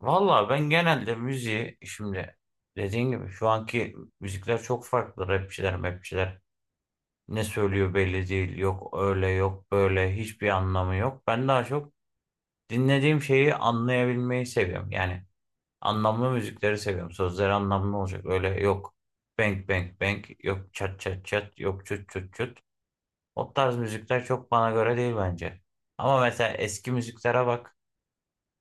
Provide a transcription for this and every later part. Valla ben genelde müziği şimdi dediğin gibi şu anki müzikler çok farklı. Rapçiler, mapçiler ne söylüyor belli değil. Yok öyle yok böyle hiçbir anlamı yok. Ben daha çok dinlediğim şeyi anlayabilmeyi seviyorum. Yani anlamlı müzikleri seviyorum. Sözleri anlamlı olacak. Öyle yok bang bang bang yok çat çat çat yok çut çut çut. O tarz müzikler çok bana göre değil bence. Ama mesela eski müziklere bak.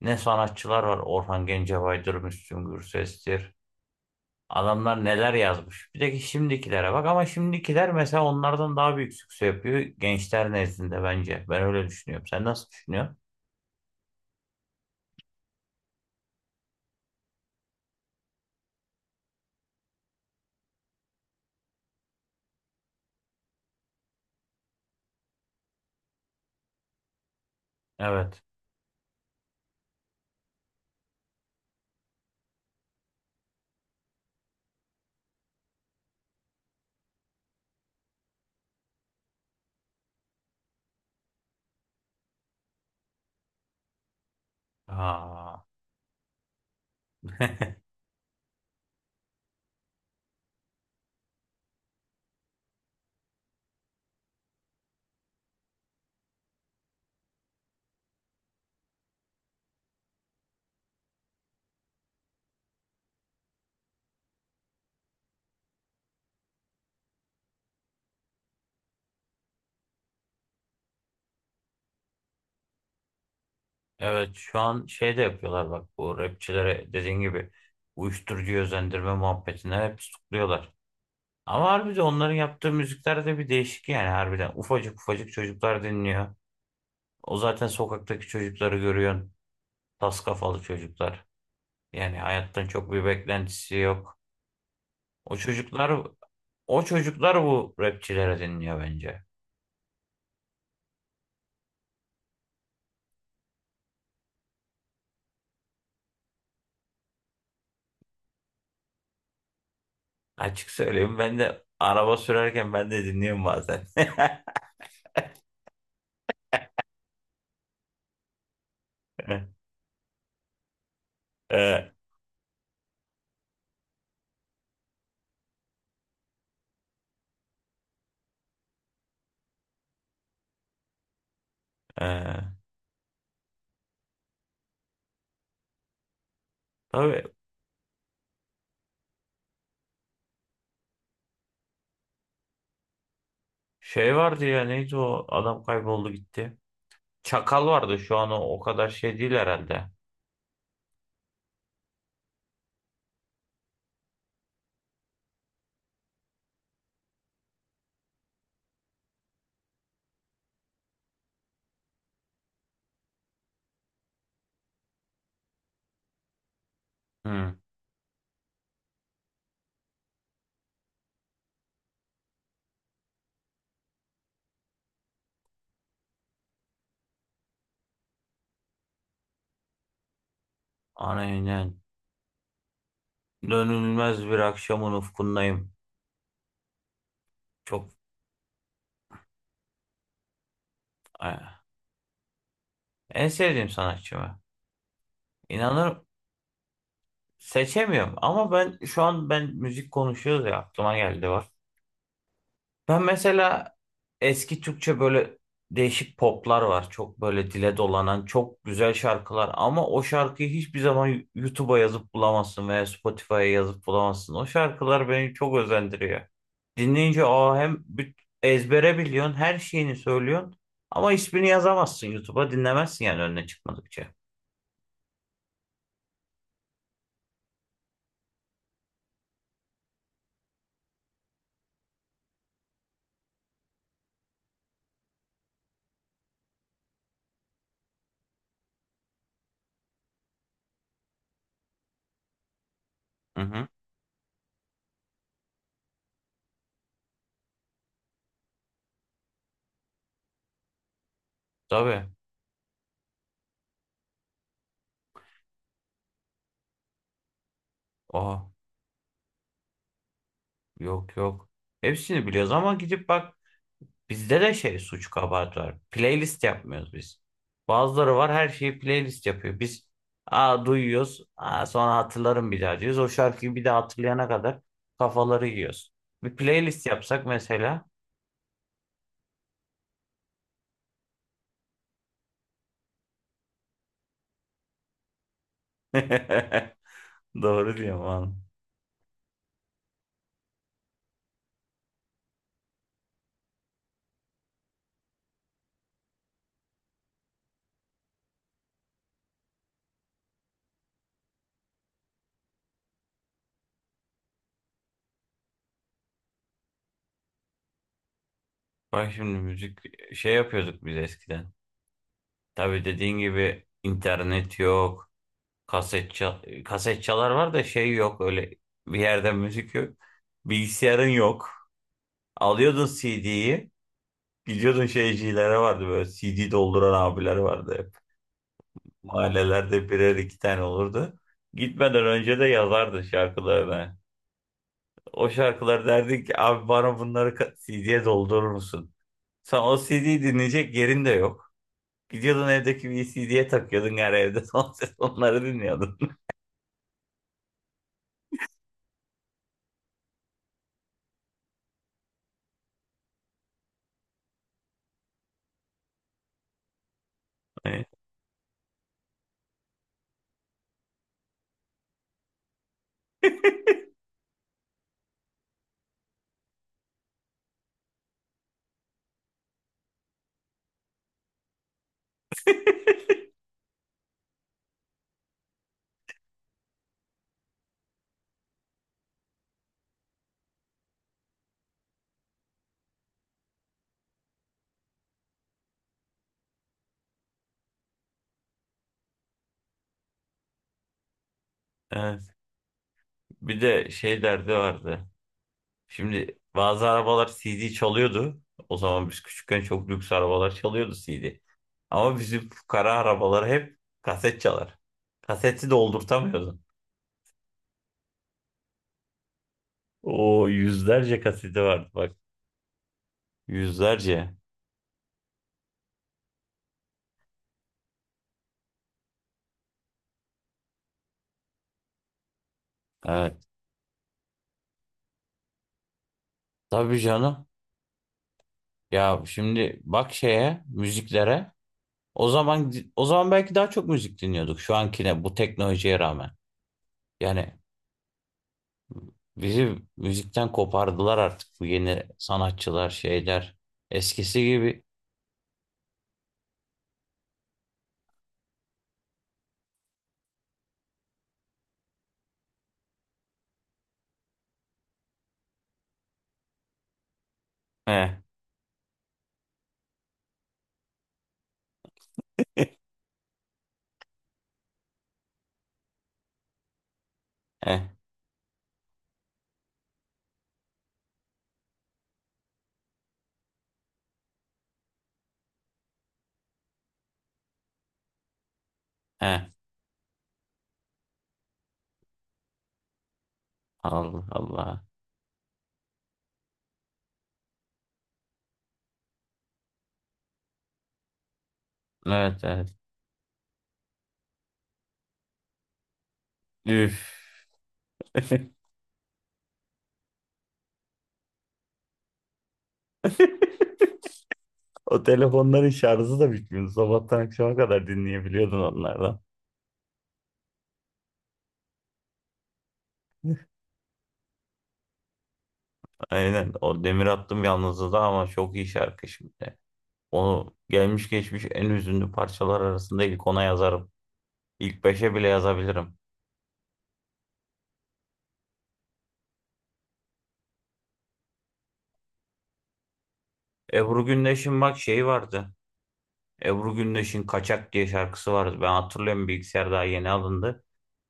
Ne sanatçılar var. Orhan Gencebay'dır, Müslüm Gürses'tir. Adamlar neler yazmış. Bir de ki şimdikilere bak ama şimdikiler mesela onlardan daha büyük sükse yapıyor gençler nezdinde bence. Ben öyle düşünüyorum. Sen nasıl düşünüyorsun? Evet. Ha. Evet, şu an şey de yapıyorlar bak, bu rapçilere dediğin gibi uyuşturucu özendirme muhabbetine hep tutukluyorlar. Ama harbiden onların yaptığı müzikler de bir değişik, yani harbiden ufacık ufacık çocuklar dinliyor. O zaten sokaktaki çocukları görüyorsun. Tas kafalı çocuklar. Yani hayattan çok bir beklentisi yok. O çocuklar o çocuklar bu rapçilere dinliyor bence. Açık söyleyeyim, ben de araba sürerken ben de dinliyorum bazen. Ee, ee. Tabii şey vardı ya, neydi o adam, kayboldu gitti. Çakal vardı şu an, o kadar şey değil herhalde. Hı. Aynen. Dönülmez bir akşamın ufkundayım. Çok, ah. En sevdiğim sanatçımı. İnanırım, seçemiyorum ama ben şu an ben müzik konuşuyoruz ya aklıma geldi var. Ben mesela eski Türkçe böyle değişik poplar var. Çok böyle dile dolanan çok güzel şarkılar ama o şarkıyı hiçbir zaman YouTube'a yazıp bulamazsın veya Spotify'a yazıp bulamazsın. O şarkılar beni çok özendiriyor. Dinleyince o hem ezbere biliyorsun, her şeyini söylüyorsun ama ismini yazamazsın, YouTube'a dinlemezsin yani, önüne çıkmadıkça. Hı hı. Tabii. Aa, yok yok. Hepsini biliyoruz ama gidip bak. Bizde de şey, suç kabahati var. Playlist yapmıyoruz biz. Bazıları var, her şeyi playlist yapıyor. Biz, aa, duyuyoruz. Aa, sonra hatırlarım bir daha diyoruz. O şarkıyı bir daha hatırlayana kadar kafaları yiyoruz. Bir playlist yapsak mesela. Doğru diyorum lan. Bak şimdi müzik şey yapıyorduk biz eskiden. Tabii dediğin gibi internet yok. Kaset çal kaset çalar var da, şey yok öyle bir yerden müzik yok. Bilgisayarın yok. Alıyordun CD'yi. Biliyordun, şeycilere vardı böyle, CD dolduran abiler vardı hep. Mahallelerde birer iki tane olurdu. Gitmeden önce de yazardı şarkılarını. O şarkıları derdik ki abi bana bunları CD'ye doldurur musun? Sen o CD'yi dinleyecek yerin de yok. Gidiyordun evdeki bir CD'ye takıyordun her evde son ses onları dinliyordun. Evet. Bir de şey derdi vardı. Şimdi bazı arabalar CD çalıyordu. O zaman biz küçükken çok lüks arabalar çalıyordu CD. Ama bizim fukara arabalar hep kaset çalar. Kaseti doldurtamıyordun. O yüzlerce kaseti vardı bak. Yüzlerce. Evet. Tabii canım. Ya şimdi bak şeye, müziklere. O zaman belki daha çok müzik dinliyorduk şu ankine, bu teknolojiye rağmen. Yani bizi müzikten kopardılar artık bu yeni sanatçılar, şeyler. Eskisi gibi. Eh, eh, eh. Allah Allah. Evet, evet. Üf. O telefonların şarjı da bitmiyordu. Sabahtan akşama kadar dinleyebiliyordun onlardan. Aynen. O Demir Attım Yalnızlığı da ama çok iyi şarkı şimdi. Onu gelmiş geçmiş en hüzünlü parçalar arasında ilk 10'a yazarım. İlk beşe bile yazabilirim. Ebru Gündeş'in bak şeyi vardı. Ebru Gündeş'in Kaçak diye şarkısı vardı. Ben hatırlıyorum, bilgisayar daha yeni alındı.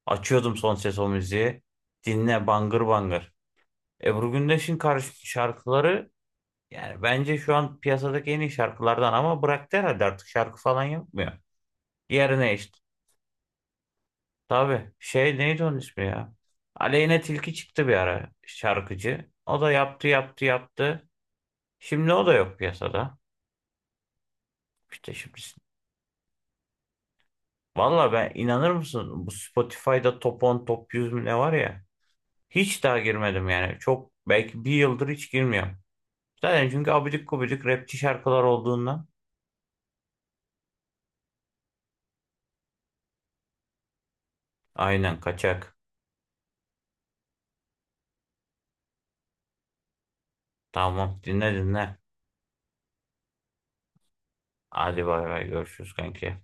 Açıyordum son ses o müziği. Dinle bangır bangır. Ebru Gündeş'in karşı şarkıları yani bence şu an piyasadaki en iyi şarkılardan, ama bıraktı herhalde, artık şarkı falan yapmıyor. Yerine işte. Tabii şey, neydi onun ismi ya? Aleyna Tilki çıktı bir ara, şarkıcı. O da yaptı, yaptı, yaptı. Şimdi o da yok piyasada. İşte şimdi. Valla ben, inanır mısın, bu Spotify'da top 10 top 100 mü ne var ya. Hiç daha girmedim yani. Çok belki bir yıldır hiç girmiyorum. Zaten çünkü abidik gubidik rapçi şarkılar olduğundan. Aynen, kaçak. Tamam, dinle dinle. Hadi bay bay, görüşürüz kanki.